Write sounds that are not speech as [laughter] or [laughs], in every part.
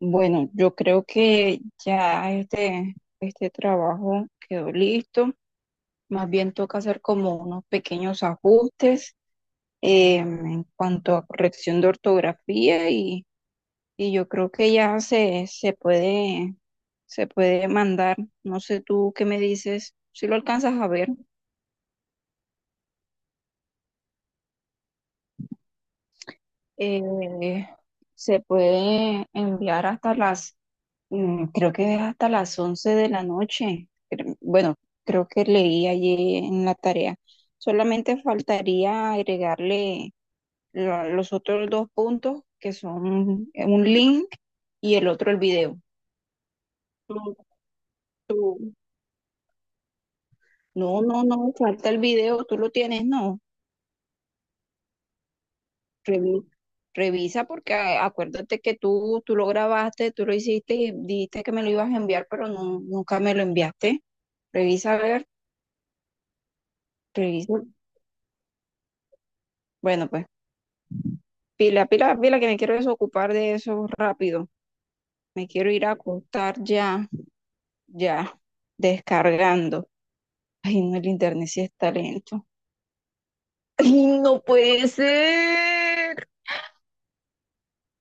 Bueno, yo creo que ya este trabajo quedó listo. Más bien toca hacer como unos pequeños ajustes en cuanto a corrección de ortografía y yo creo que ya se puede mandar. No sé tú qué me dices, si lo alcanzas a ver. eh, Se puede enviar hasta las... creo que es hasta las 11 de la noche. Pero bueno, creo que leí allí en la tarea. Solamente faltaría agregarle los otros dos puntos, que son un link y el otro el video. Tú- tú- No, no, no, falta el video, tú lo tienes, ¿no? Revi- Revisa porque acuérdate que tú lo grabaste, tú lo hiciste y dijiste que me lo ibas a enviar, pero no, nunca me lo enviaste. Revisa a ver, revisa. Bueno, pues. Pila, pila, pila, que me quiero desocupar de eso rápido. Me quiero ir a acostar ya, ya, descargando. Ay, no, el internet sí está lento. Ay, no puede ser.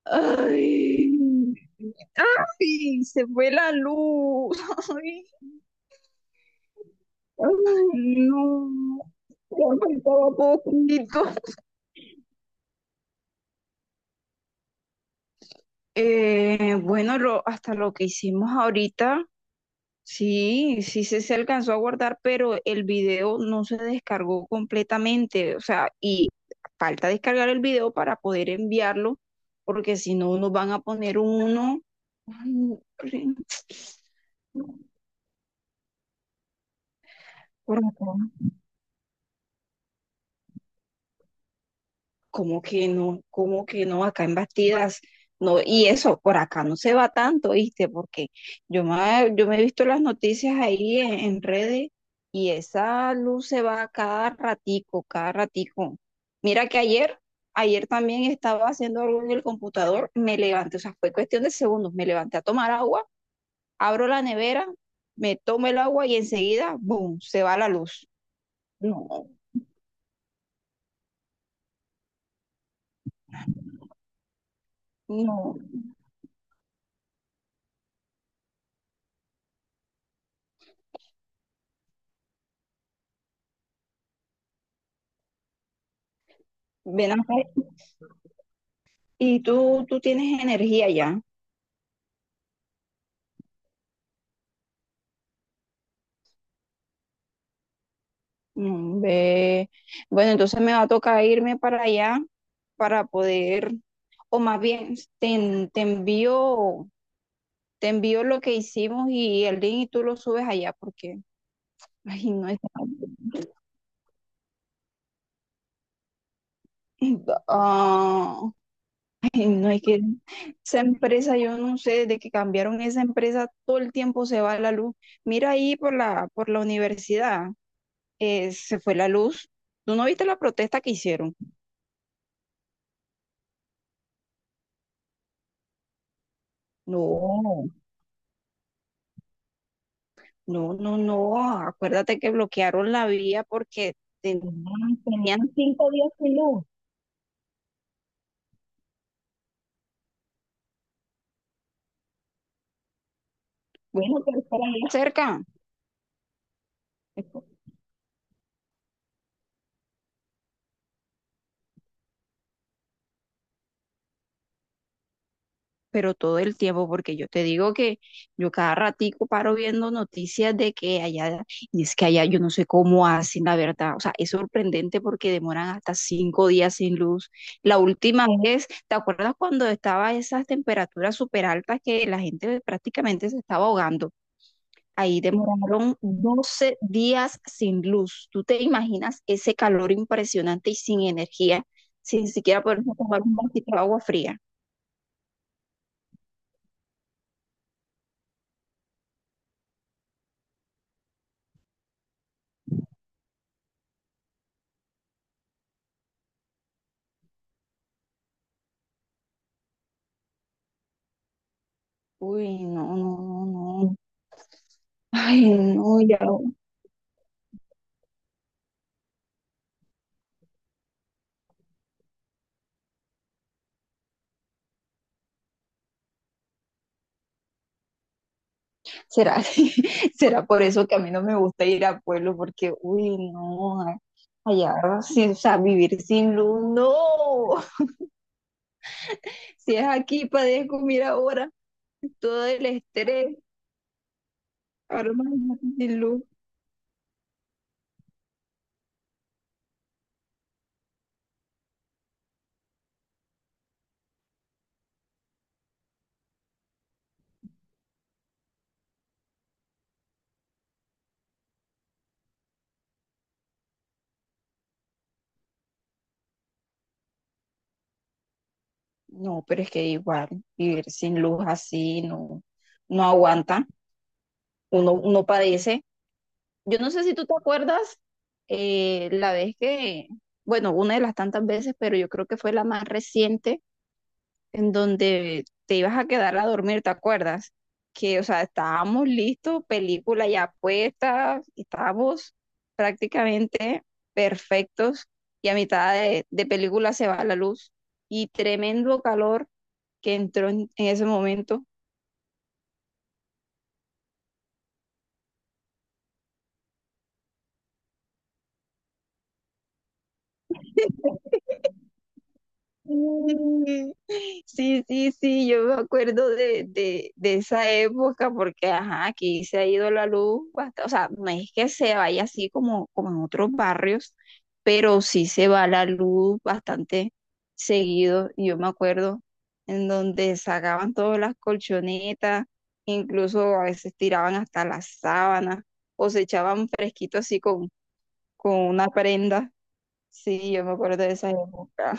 Ay, ay, se fue la luz. Ay, ay, no. Ya faltaba poquito. Bueno, hasta lo que hicimos ahorita. Sí, se alcanzó a guardar, pero el video no se descargó completamente, o sea, y falta descargar el video para poder enviarlo, porque si no nos van a poner uno... Ay, no, [tsk] no, por acá. ¿Cómo que no? ¿Cómo que no? Acá en Bastidas, no, y eso, por acá no se va tanto, ¿viste? Porque yo me he visto las noticias ahí en redes y esa luz se va cada ratico, cada ratico. Mira que ayer, ayer también estaba haciendo algo en el computador, me levanté, o sea, fue cuestión de segundos, me levanté a tomar agua, abro la nevera, me tomo el agua y enseguida, ¡boom!, se va la luz. No, no, ven acá. Tú tienes energía ya. Ve. Bueno, entonces me va a tocar irme para allá para poder, o más bien, te envío lo que hicimos y el link y tú lo subes allá porque... ay, no es... ah, ay, no es que esa empresa, yo no sé, desde que cambiaron esa empresa, todo el tiempo se va la luz. Mira ahí por por la universidad, se fue la luz. ¿Tú no viste la protesta que hicieron? No, no, no, no. Acuérdate que bloquearon la vía porque tenían, tenían cinco días sin luz. Bueno, pero por ahí cerca. Pero todo el tiempo, porque yo te digo que yo cada ratico paro viendo noticias de que allá, y es que allá yo no sé cómo hacen, la verdad. O sea, es sorprendente porque demoran hasta 5 días sin luz. La última vez, ¿te acuerdas cuando estaba esas temperaturas súper altas que la gente prácticamente se estaba ahogando? Ahí demoraron 12 días sin luz. ¿Tú te imaginas ese calor impresionante y sin energía, sin siquiera poder tomar un vasito de agua fría? Uy, no, no, no, [laughs] no. Ay, no, ya. ¿Será, [laughs] será por eso que a mí no me gusta ir a pueblo? Porque, uy, no. Allá, sí, o sea, vivir sin luz, no. Si es aquí, padezco, mira ahora, todo el estrés. Ahora más sin luz. No, pero es que igual vivir sin luz así no, no aguanta, uno, uno padece. Yo no sé si tú te acuerdas la vez que, bueno, una de las tantas veces, pero yo creo que fue la más reciente en donde te ibas a quedar a dormir, ¿te acuerdas? Que, o sea, estábamos listos, película ya puesta, estábamos prácticamente perfectos y a mitad de película se va la luz y tremendo calor que entró en ese momento. Mm. Sí, sí, sí, yo me acuerdo de esa época porque, ajá, aquí se ha ido la luz bastante, o sea, no es que se vaya así como, como en otros barrios, pero sí se va la luz bastante seguido. Y yo me acuerdo en donde sacaban todas las colchonetas, incluso a veces tiraban hasta las sábanas o se echaban fresquito así con una prenda. Sí, yo me acuerdo de esa época.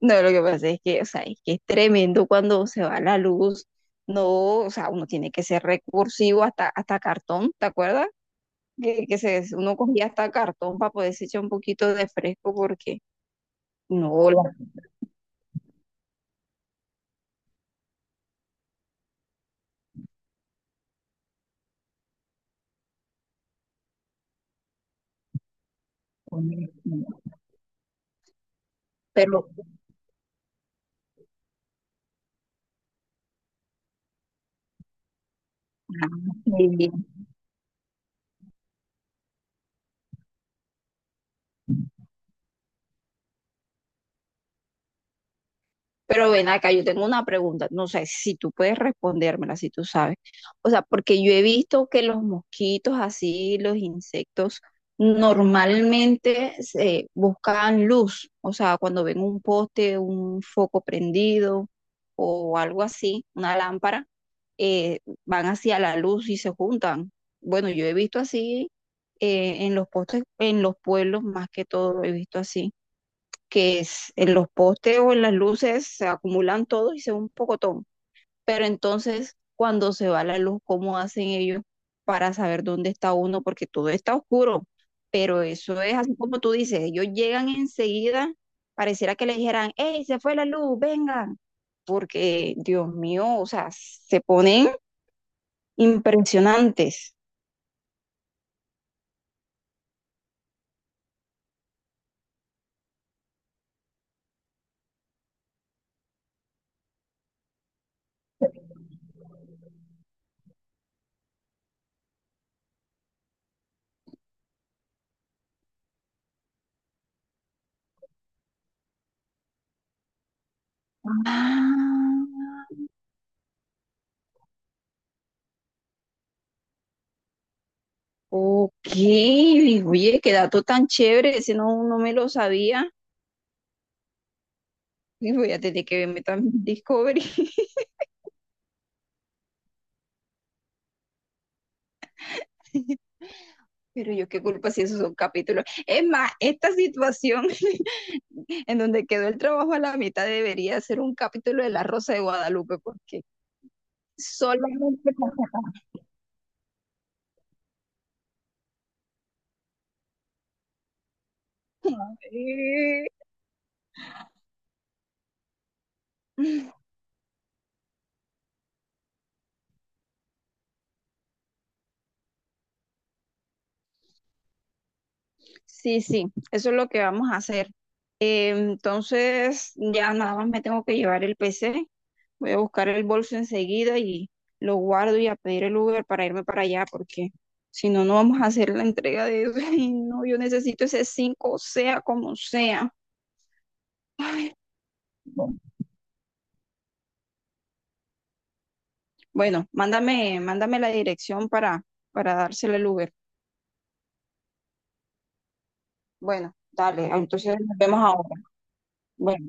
No, lo que pasa es que, o sea, es que es tremendo cuando se va la luz. No, o sea, uno tiene que ser recursivo hasta cartón, ¿te acuerdas? Uno cogía hasta cartón para poder echar un poquito de fresco porque... no, pero ah, sí. Pero ven acá, yo tengo una pregunta, no sé si tú puedes respondérmela, si tú sabes. O sea, porque yo he visto que los mosquitos, así, los insectos, normalmente se buscan luz. O sea, cuando ven un poste, un foco prendido o algo así, una lámpara, van hacia la luz y se juntan. Bueno, yo he visto así en los postes, en los pueblos más que todo, he visto así en los postes o en las luces se acumulan todos y se ve un pocotón. Pero entonces, cuando se va la luz, ¿cómo hacen ellos para saber dónde está uno? Porque todo está oscuro. Pero eso es así como tú dices, ellos llegan enseguida, pareciera que le dijeran, ¡Ey, se fue la luz, vengan! Porque, Dios mío, o sea, se ponen impresionantes. Ah, ok, oye, qué dato tan chévere, ese no, no me lo sabía. Y voy a tener que verme también Discovery. [laughs] Pero yo qué culpa si esos son capítulos. Es más, esta situación [laughs] en donde quedó el trabajo a la mitad debería ser un capítulo de La Rosa de Guadalupe, porque solamente... [laughs] Sí, sí, eso es lo que vamos a hacer. Entonces, ya nada más me tengo que llevar el PC. Voy a buscar el bolso enseguida y lo guardo y a pedir el Uber para irme para allá, porque si no, no vamos a hacer la entrega de eso. [laughs] Ay, no, yo necesito ese 5 sea como sea. Ay, no. Bueno, mándame, mándame la dirección para dársela el Uber. Bueno, dale, entonces nos vemos ahora. Bueno.